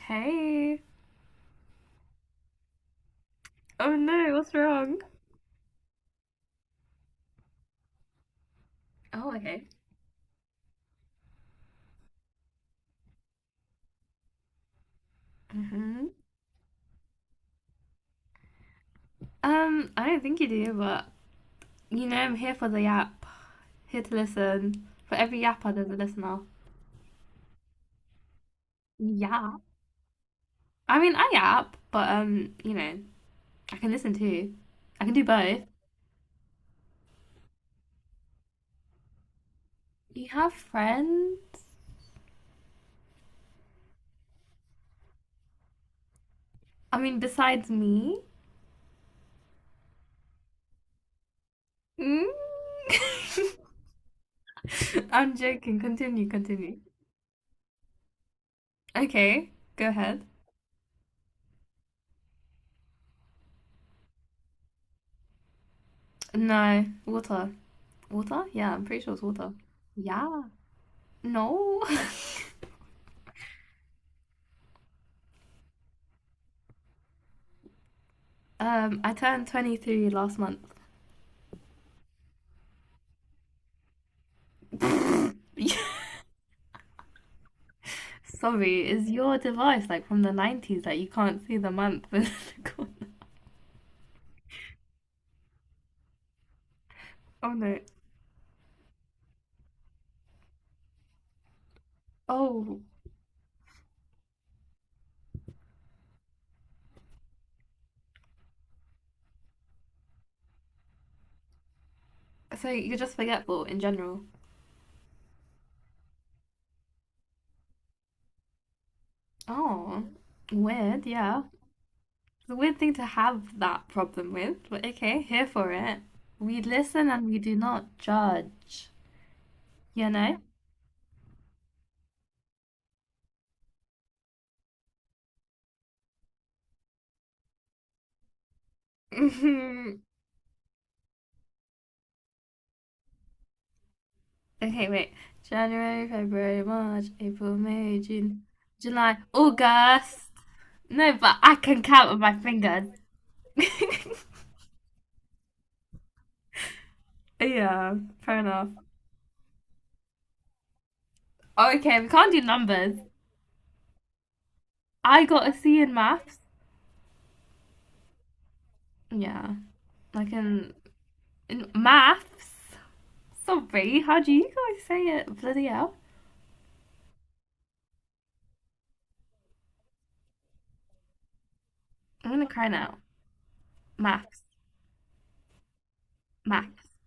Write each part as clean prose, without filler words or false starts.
Hey. Oh no, what's wrong? Oh, okay. hmm I don't think you do, but you know, I'm here for the yap. Here to listen. For every yapper, there's a listener. Yeah. I mean, I yap, but you know, I can listen too. I can do both. You have friends? I mean, besides me? Mm? I'm joking. Continue, continue. Okay, go ahead. No, water. Water? Yeah, I'm pretty sure it's water. Yeah. No. I turned 23 last month. Sorry, is your device like from the 90s that you can't see the month in the corner? Oh no. Oh, so you're just forgetful in general. Oh, weird, yeah. It's a weird thing to have that problem with, but okay, here for it. We listen and we do not judge, you know? Okay, wait. January, February, March, April, May, June, July, August. No, but I can count with my fingers. yeah, fair enough. Oh, okay, we can't do numbers. I got a C in maths. Yeah, like in, in maths. Sorry, how do you guys say it? Bloody hell. I'm gonna cry now. Maths. Maths.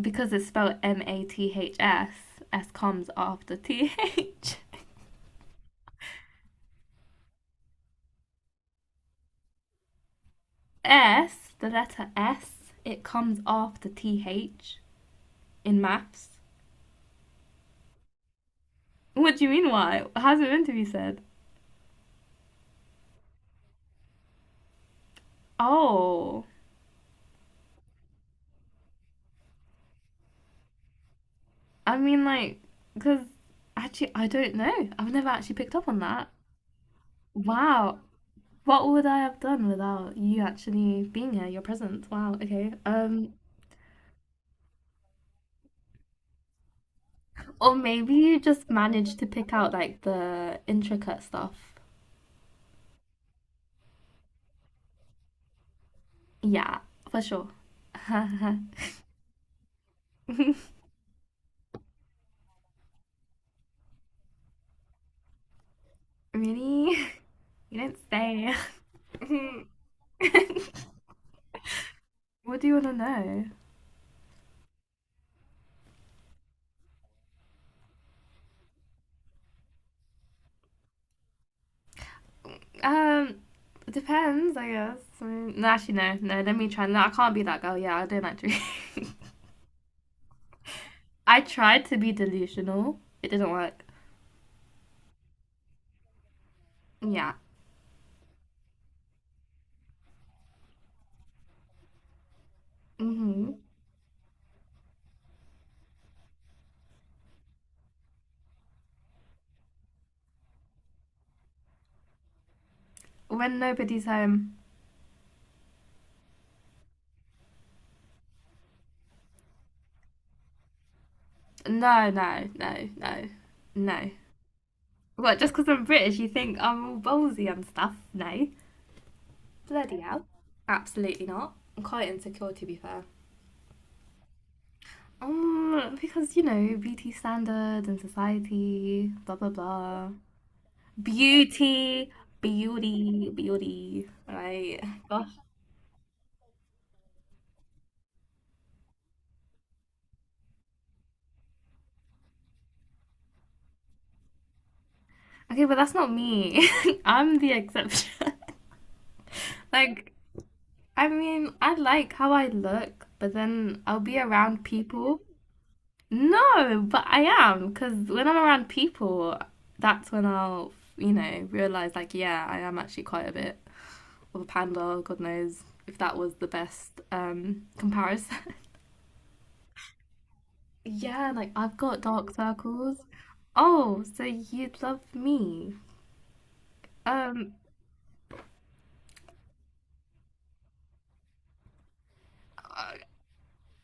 Because it's spelled MATHS, S comes after T H. S, the letter S, it comes after TH in maths. What do you mean, why? How's it meant to be said? Oh, I mean, like, because actually, I don't know. I've never actually picked up on that. Wow. What would I have done without you actually being here, your presence? Wow, okay. Or maybe you just managed to pick out like the intricate stuff. Yeah, for sure. really? You don't say. What do you want to know? Um, it depends, I guess. I mean, no, actually, no, no. Let me try. No, I can't be that girl. Yeah, I don't like to. I tried to be delusional. It didn't work. Yeah. hmm When nobody's home. No, no, no, no, no. What? Just because I'm British, you think I'm all ballsy and stuff? No. Bloody hell. Absolutely not. I'm quite insecure, to be fair. Because you know beauty standard and society, blah blah blah. Beauty, beauty, beauty. Right. Gosh. Okay, but that's not me. I'm the exception. Like, I mean, I like how I look, but then I'll be around people. No, but I am, because when I'm around people, that's when I'll, you know, realize, like, yeah, I am actually quite a bit of a panda, God knows if that was the best comparison. Yeah, like I've got dark circles. Oh, so you'd love me. Um, uh,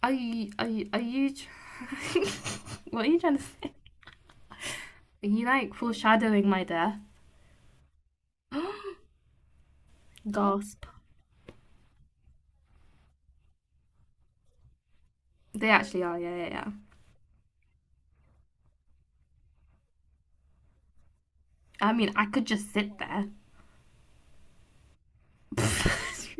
are you, what are you trying to say? Are you like foreshadowing my death? Gasp. They actually are, yeah, yeah, yeah. I mean, I could just sit there.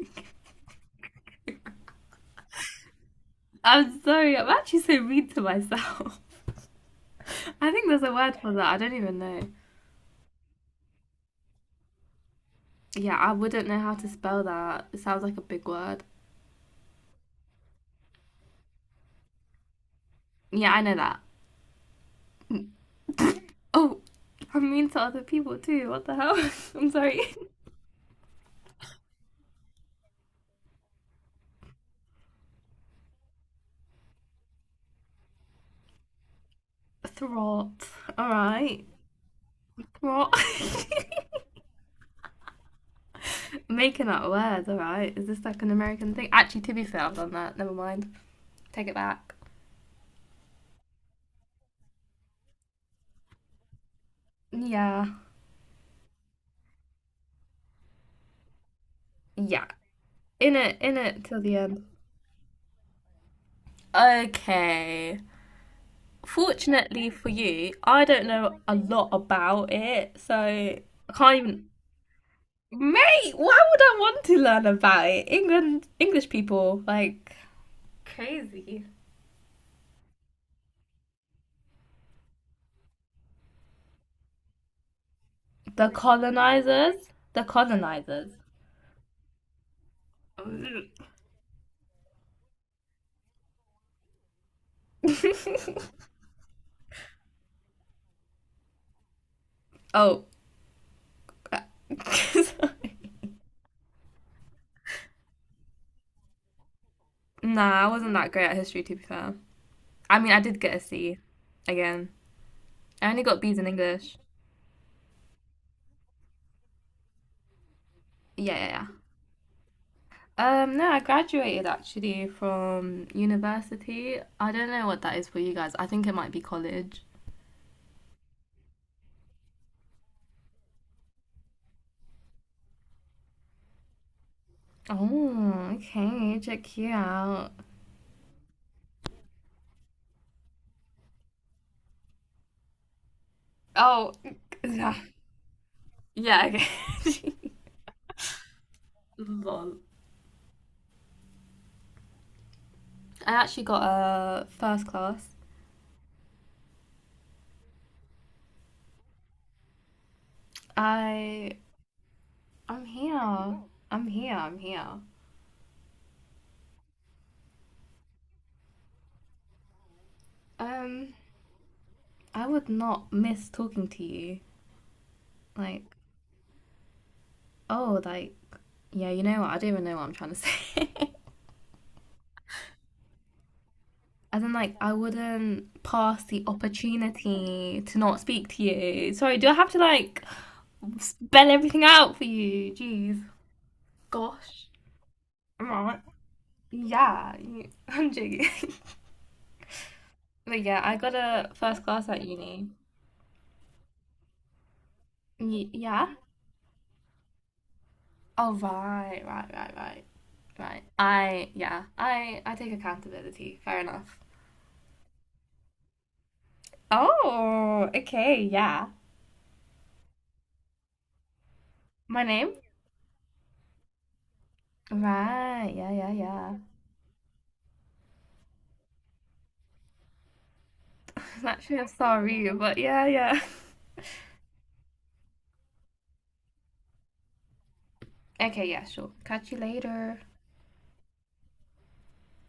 I'm sorry, I'm actually so mean to myself. I think there's a word for that, I don't even know. Yeah, I wouldn't know how to spell that. It sounds like a big word. Yeah, I know that. Oh, I'm mean to other people too. What the hell? I'm sorry. Throt. Alright. Throt. Making up words, alright. Is this like an American thing? Actually, to be fair, I've done that. Never mind. Take it back. Yeah. Yeah. In it till the end. Okay. Fortunately for you, I don't know a lot about it, so I can't even. Mate, why would I want to learn about it? England, English people, like crazy. The colonizers. The colonizers. oh. Sorry. Nah, I wasn't that great at history, to be fair. I mean, I did get a C. Again. I only got B's in English. Yeah, yeah, yeah. No, I graduated actually from university. I don't know what that is for you guys. I think it might be college. Oh, okay. Check you out. Oh, yeah. Yeah, okay. Lol. I actually got a first class I I.'m here. I'm here. I'm here. Um, I would not miss talking to you. Like, oh, like, yeah, you know what? I don't even know what I'm trying to say. As in, like, I wouldn't pass the opportunity to not speak to you. Sorry, do I have to like spell everything out for you? Jeez, gosh. Right. Yeah, you- I'm joking. but yeah, I got a first class at uni. Yeah. Oh right, right, right, right. Right. I yeah. I take accountability. Fair enough. Oh, okay, yeah. My name? Right. Yeah. Yeah. Yeah. Naturally, I'm sorry, but yeah. Yeah. Okay. Yeah. Sure. Catch you later.